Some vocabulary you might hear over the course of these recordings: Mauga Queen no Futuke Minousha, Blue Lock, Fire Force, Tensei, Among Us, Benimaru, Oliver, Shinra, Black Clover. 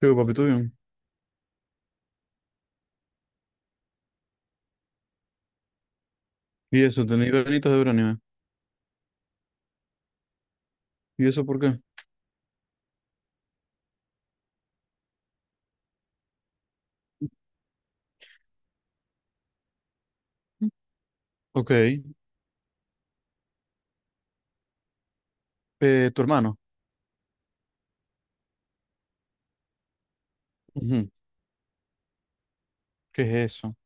Yo, papi tuyo. Y eso, tenéis ganitas de ver anime. ¿Y eso por qué? Ok. Tu hermano. Ujú. ¿Qué es eso?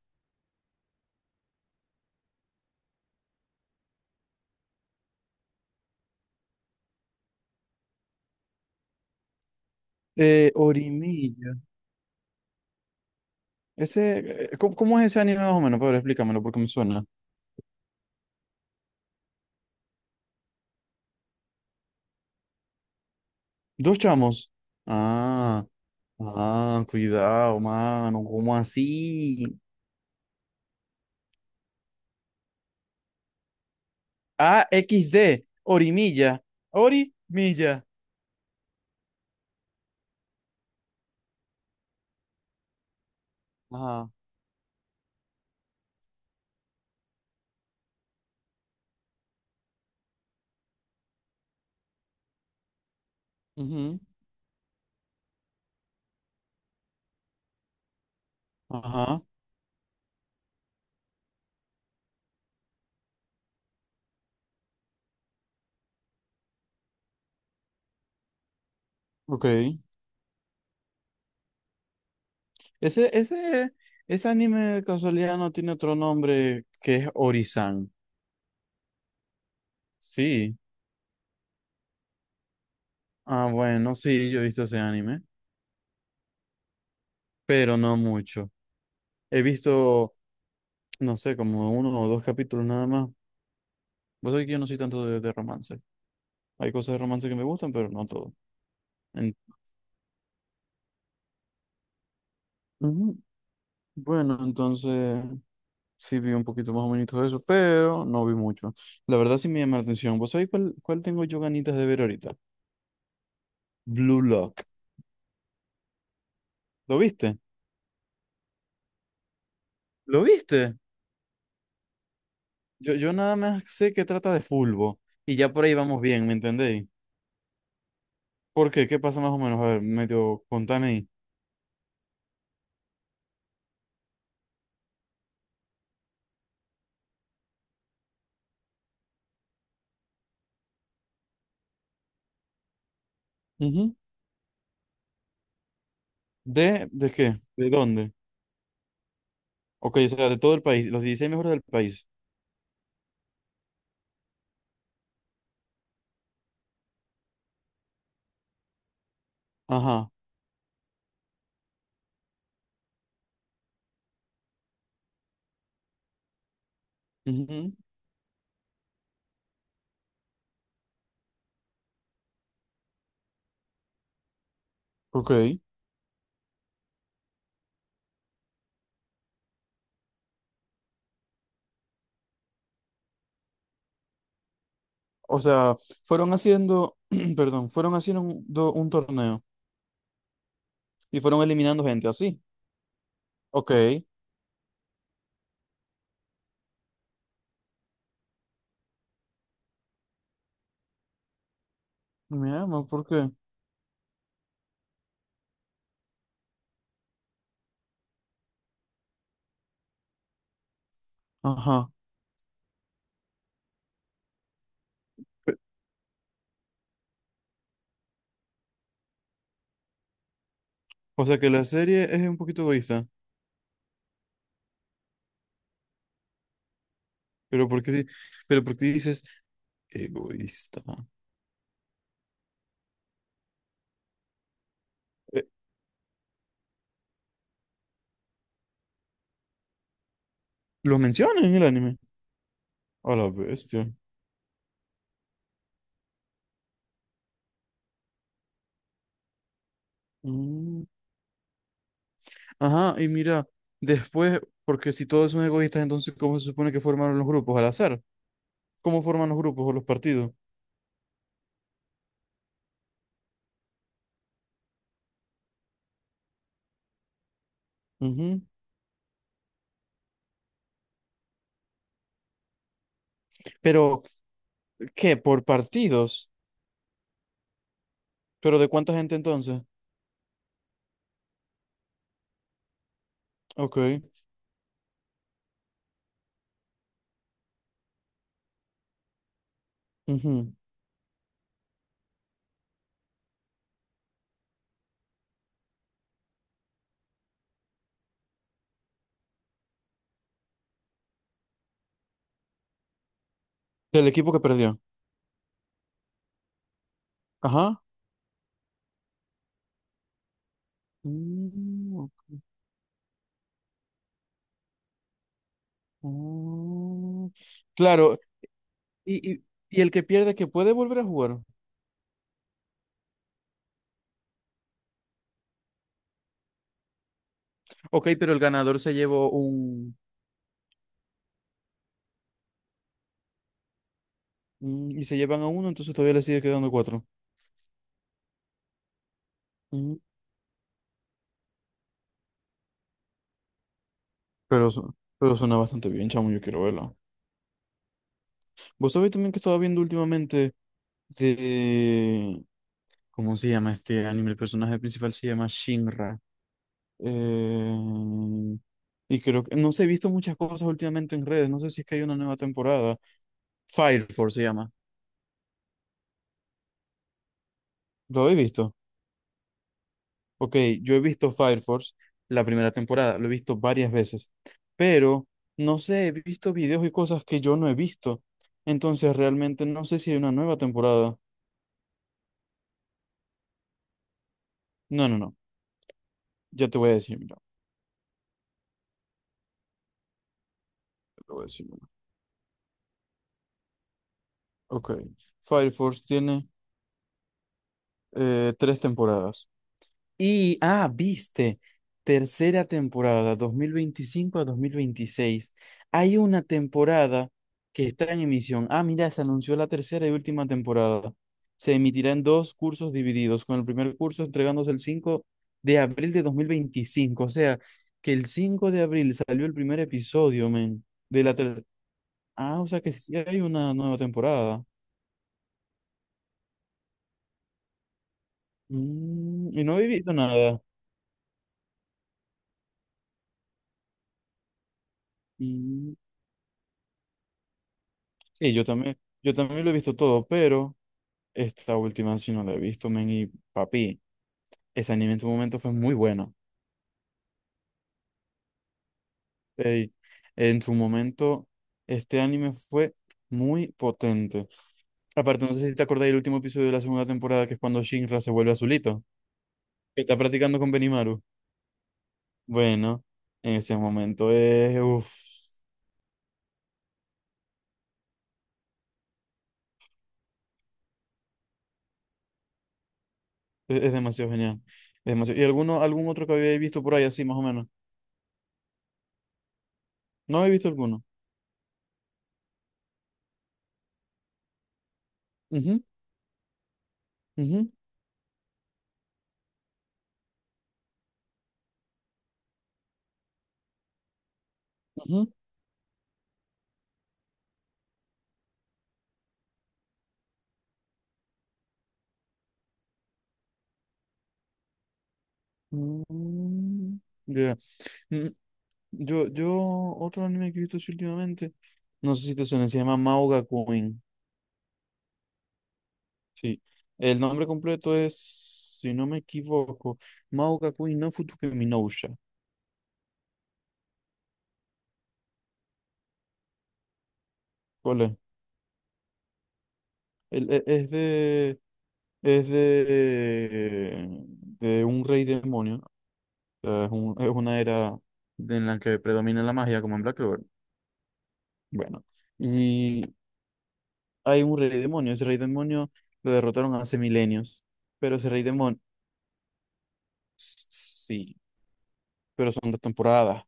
Orimilla. ¿Cómo es ese anime más o menos? Pablo, explícamelo porque me suena. Dos chamos. Ah, ah, cuidado, mano. ¿Cómo así? Ah, XD. Orimilla. Orimilla. Ajá. Ujú. Ajá. Ok. Ese, ese, ese anime de casualidad no tiene otro nombre que es Orisan. Sí, ah, bueno, sí, yo he visto ese anime, pero no mucho. He visto, no sé, como uno o dos capítulos nada más. Vos sabés que yo no soy tanto de romance. Hay cosas de romance que me gustan, pero no todo. En- Ujú. Bueno, entonces sí vi un poquito más o menos de eso, pero no vi mucho. La verdad sí me llama la atención. ¿Vos sabés cuál tengo yo ganitas de ver ahorita? Blue Lock. ¿Lo viste? ¿Lo viste? Yo nada más sé que trata de fulbo y ya por ahí vamos bien, ¿me entendéis? ¿Por qué? ¿Qué pasa más o menos? A ver, medio, contame ahí. Ujú. ¿De qué? ¿De dónde? Ok, o sea, de todo el país, los 16 mejores del país. Ajá. Ujú. Ok. O sea, fueron haciendo, perdón, fueron haciendo un torneo y fueron eliminando gente así. Ok. Mi ama, ¿por qué? Ajá. Pe- O sea que la serie es un poquito egoísta. Pero ¿por qué, di- pero ¿por qué dices egoísta? Eh, ¿lo mencionan en el anime? A la bestia. Ajá, y mira, después, porque si todos son egoístas, entonces ¿cómo se supone que formaron los grupos? Al azar. ¿Cómo forman los grupos o los partidos? Ujú. Pero, ¿qué? ¿Por partidos? ¿Pero de cuánta gente entonces? Ok. Ujú. Del equipo que perdió. Ajá. Mm, ok. Claro. Y, y, y el que pierde, que puede volver a jugar. Ok, pero el ganador se llevó un... Y se llevan a uno, entonces todavía le sigue quedando cuatro. Mm. Pero suena bastante bien, chamo, yo quiero verlo. Vos sabés también que estaba viendo últimamente de... ¿Cómo se llama este anime? El personaje principal se llama Shinra. Eh, Y creo que... No sé, he visto muchas cosas últimamente en redes. No sé si es que hay una nueva temporada. Fire Force se llama. ¿Lo he visto? Ok, yo he visto Fire Force la primera temporada. Lo he visto varias veces. Pero, no sé, he visto videos y cosas que yo no he visto. Entonces, realmente no sé si hay una nueva temporada. No, no, no. Ya te voy a decir, mira. Te voy a decir. Ok. Fire Force tiene tres temporadas. Y, ah, viste, tercera temporada, 2025 a 2026. Hay una temporada que está en emisión. Ah, mira, se anunció la tercera y última temporada. Se emitirá en dos cursos divididos, con el primer curso entregándose el 5 de abril de 2025. O sea, que el 5 de abril salió el primer episodio, men. Ah, o sea que sí hay una nueva temporada. Mm, y no he visto nada. Mm. Sí, yo también lo he visto todo, pero esta última sí no la he visto, men, y papi, ese anime en su momento fue muy bueno. Ey, en su momento, este anime fue muy potente. Aparte, no sé si te acordás del último episodio de la segunda temporada, que es cuando Shinra se vuelve azulito, que está practicando con Benimaru. Bueno, en ese momento es, uf, es demasiado genial. ¿Y algún otro que había visto por ahí así, más o menos? No he visto alguno. Ujú, ujú, ujú. Mm, ya. Mm. Otro anime que he visto así últimamente, no sé si te suena, se llama Mauga Queen. Sí, el nombre completo es, si no me equivoco, Mauga Queen no Futuke Minousha. ¿Cuál es? El- e- es de, es de, de un rey demonio. O sea, es una era en la que predomina la magia, como en Black Clover. Bueno, hay un rey demonio. Ese rey demonio lo derrotaron hace milenios. Pero ese rey demonio, sí, pero son dos temporadas.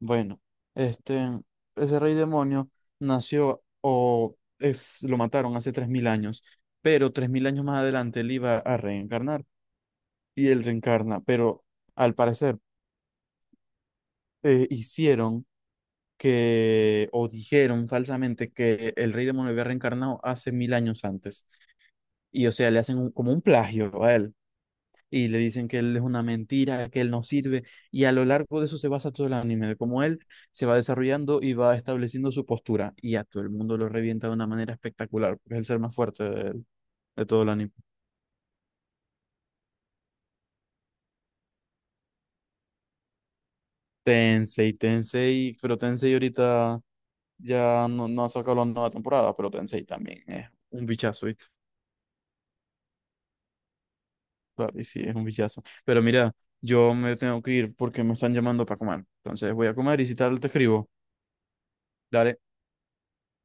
Bueno, este, ese rey demonio nació o es, lo mataron hace 3.000 años. Pero 3.000 años más adelante él iba a reencarnar y él reencarna. Pero al parecer hicieron que, o dijeron falsamente que el rey demonio había reencarnado hace 1.000 años antes. Y o sea, le hacen como un plagio a él. Y le dicen que él es una mentira, que él no sirve, y a lo largo de eso se basa todo el anime, de cómo él se va desarrollando y va estableciendo su postura, y a todo el mundo lo revienta de una manera espectacular, porque es el ser más fuerte de, todo el anime. Pero Tensei ahorita ya no ha sacado la nueva temporada, pero Tensei también es un bichazo, ¿viste? Papi, sí, es un bichazo. Pero mira, yo me tengo que ir porque me están llamando para comer, entonces voy a comer y si tal te escribo. Dale.